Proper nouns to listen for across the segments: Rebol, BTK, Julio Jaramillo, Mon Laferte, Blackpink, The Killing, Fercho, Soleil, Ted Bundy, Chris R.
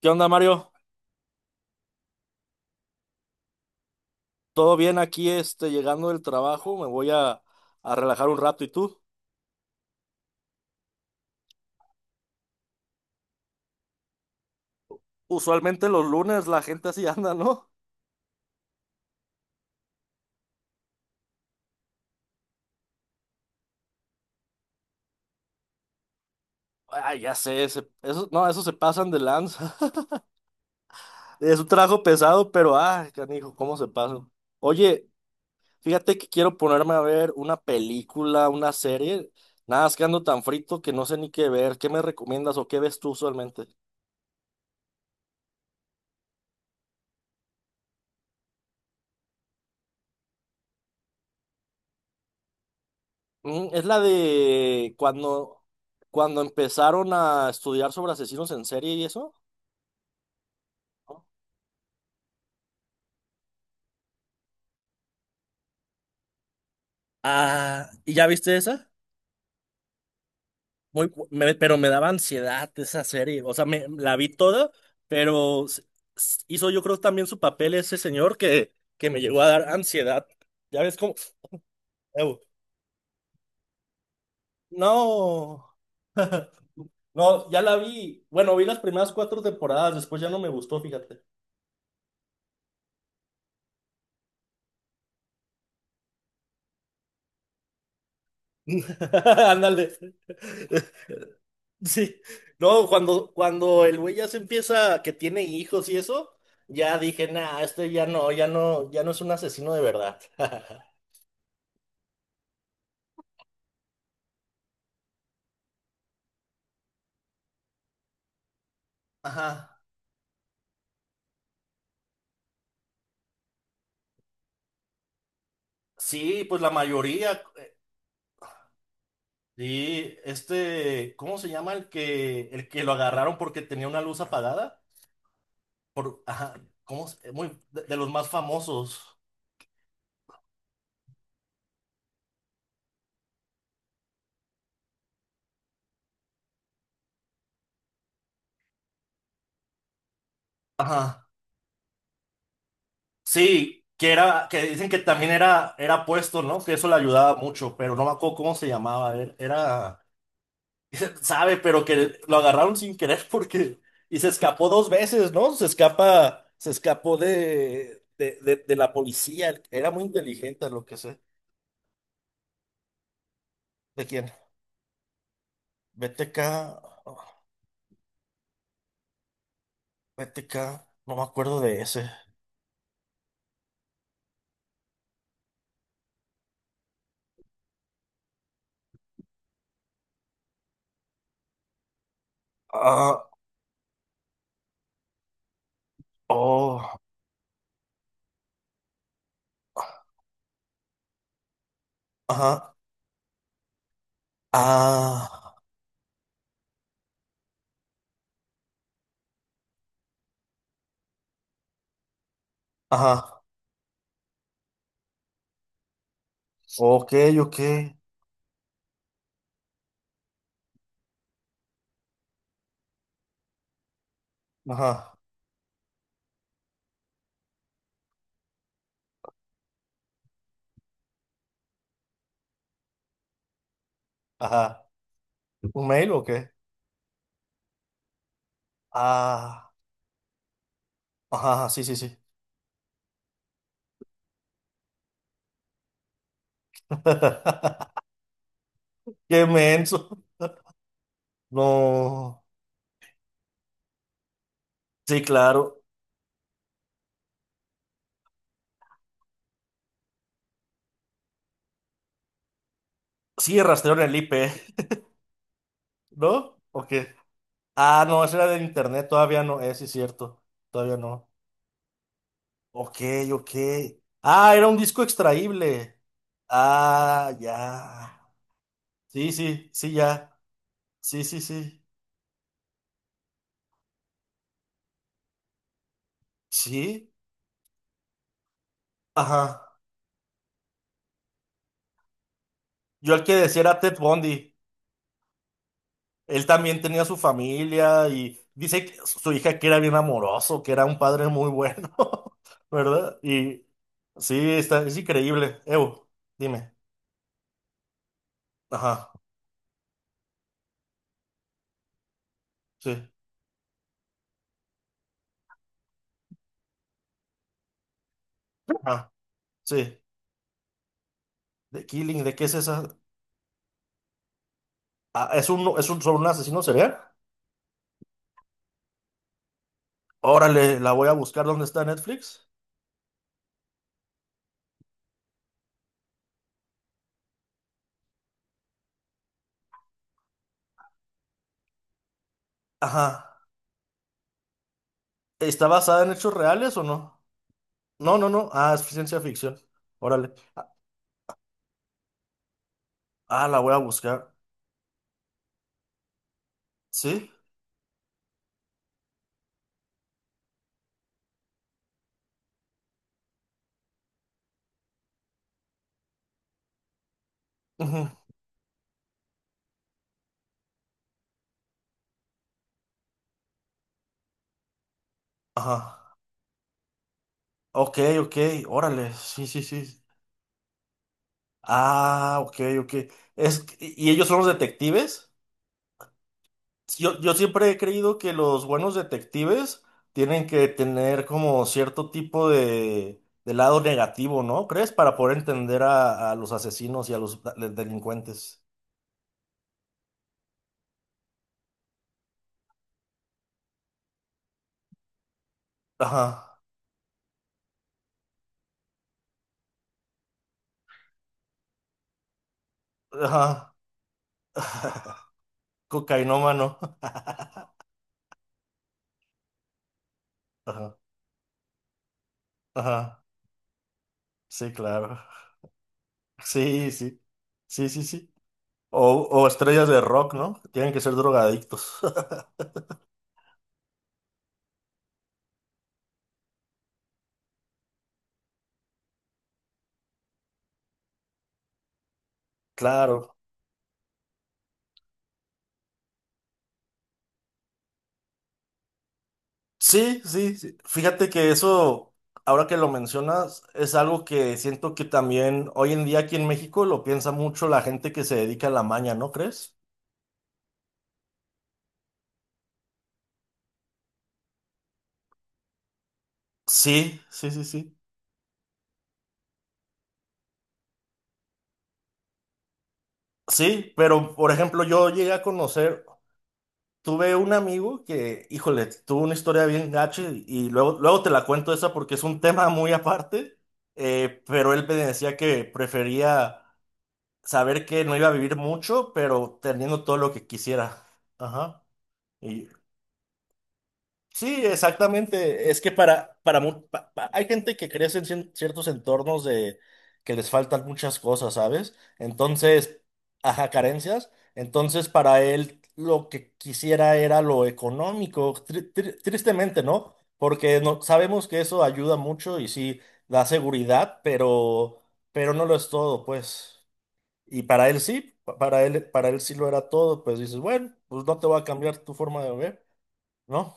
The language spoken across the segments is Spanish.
¿Qué onda, Mario? ¿Todo bien aquí, llegando del trabajo? Me voy a relajar un rato. ¿Y tú? Usualmente los lunes la gente así anda, ¿no? Ay, ya sé, eso, no, eso se pasan de lanza. Es un trabajo pesado, pero, ay, canijo, ¿cómo se pasan? Oye, fíjate que quiero ponerme a ver una película, una serie. Nada, es que ando tan frito que no sé ni qué ver. ¿Qué me recomiendas o qué ves tú usualmente? Mm, es la de cuando empezaron a estudiar sobre asesinos en serie y eso. Ah, ¿y ya viste esa? Pero me daba ansiedad esa serie. O sea, me la vi toda, pero hizo yo creo también su papel ese señor que me llegó a dar ansiedad. Ya ves cómo. Ew. No. No, ya la vi. Bueno, vi las primeras cuatro temporadas, después ya no me gustó, fíjate. Ándale. Sí. No, cuando el güey ya se empieza, que tiene hijos y eso, ya dije, nah, ya no es un asesino de verdad. Ajá. Sí, pues la mayoría. Sí, ¿cómo se llama el que lo agarraron porque tenía una luz apagada? Por, ajá, Muy de los más famosos. Ajá. Sí, que era, que dicen que también era puesto, ¿no? Que eso le ayudaba mucho, pero no me acuerdo cómo se llamaba. Sabe, pero que lo agarraron sin querer porque y se escapó dos veces, ¿no? Se escapó de, de la policía. Era muy inteligente, a lo que sé. ¿De quién? BTK. BTK. No me acuerdo de ese. Ah, oh. Ajá. Ah. Ajá. Ok, ok. Ajá. Ajá. ¿Un mail o qué? Ah. Ajá, sí, sí, sí. Qué menso. No. Sí, claro. Sí, rastreo en el IP, ¿no? ¿O qué? Ah, no, ese era del internet, todavía no. Sí, cierto. Todavía no. Ok, ok. Ah, era un disco extraíble. Ah, ya. Sí, sí, sí, ya. Sí, sí, sí. Sí. Ajá. Yo el que decía era Ted Bundy. Él también tenía su familia y dice que su hija que era bien amoroso, que era un padre muy bueno. ¿Verdad? Y sí, está, es increíble. Ew, dime. Ajá, sí, ajá, sí. The Killing, ¿de qué es esa? Ah, es un, sobre un asesino serial? Órale, la voy a buscar dónde está Netflix. Ajá. ¿Está basada en hechos reales o no? No, no, no. Ah, es ciencia ficción. Órale. Ah, ah, la voy a buscar. ¿Sí? Ujú. Ajá. Ok, ok. Órale. Sí, sí, sí. Ah, ok, ok. ¿Y ellos son los detectives? Yo siempre he creído que los buenos detectives tienen que tener como cierto tipo de lado negativo, ¿no? ¿Crees? Para poder entender a los asesinos y a los delincuentes. Ajá, ajá. Cocainómano. Ajá, ajá. Sí, claro. Sí, sí. Sí, sí, sí. O estrellas de rock, ¿no? Tienen que ser drogadictos. Claro. Sí, sí, sí. Fíjate que eso, ahora que lo mencionas, es algo que siento que también hoy en día aquí en México lo piensa mucho la gente que se dedica a la maña, ¿no crees? Sí, sí, sí, sí. Sí, pero por ejemplo, yo llegué a conocer. Tuve un amigo que, híjole, tuvo una historia bien gacha y luego te la cuento esa porque es un tema muy aparte, pero él me decía que prefería saber que no iba a vivir mucho, pero teniendo todo lo que quisiera. Ajá. Y sí, exactamente. Es que para, mu- pa- pa- hay gente que crece en ciertos entornos de que les faltan muchas cosas, ¿sabes? Entonces, ajá, carencias. Entonces, para él lo que quisiera era lo económico, tristemente, ¿no? Porque no, sabemos que eso ayuda mucho y sí da seguridad, pero no lo es todo, pues. Y para él sí, para él sí lo era todo, pues dices, bueno, pues no te voy a cambiar tu forma de ver, ¿no?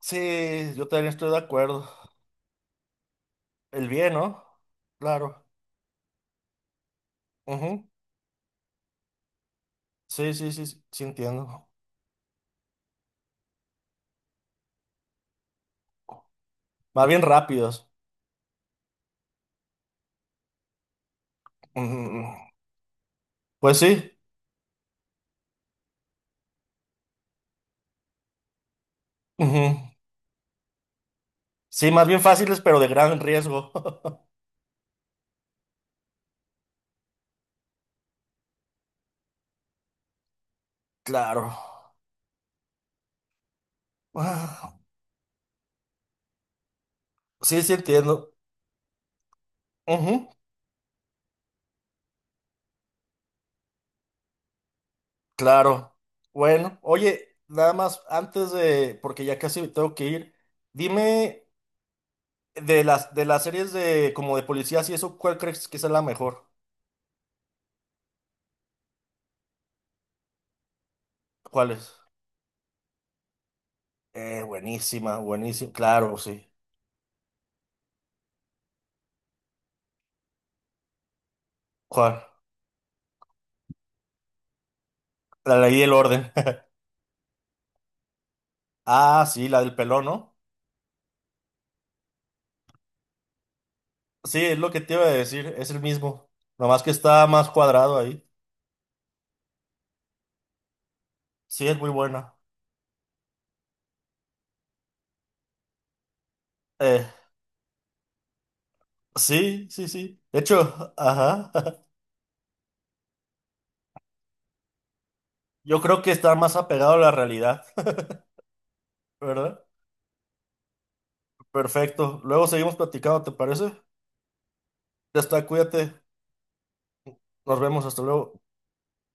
Sí, yo también estoy de acuerdo. El bien, ¿no? Claro. Ujú. Sí, sí, sí, sí, sí entiendo. Más bien rápidos. Ujú. Pues sí. Ujú. Sí, más bien fáciles, pero de gran riesgo. Claro. Ah, sí, sí entiendo. Ujú. Claro. Bueno, oye, nada más antes de, porque ya casi me tengo que ir, dime de las series de como de policías y eso, ¿cuál crees que es la mejor? ¿Cuál es? Buenísima, buenísima, claro, sí. Joder, la ley del orden. Ah, sí, la del pelón, ¿no? Sí, es lo que te iba a decir, es el mismo. Nomás que está más cuadrado ahí. Sí, es muy buena. Eh, sí, sí, sí. De hecho, ajá. Yo creo que está más apegado a la realidad, ¿verdad? Perfecto. Luego seguimos platicando, ¿te parece? Ya está, cuídate. Nos vemos, hasta luego.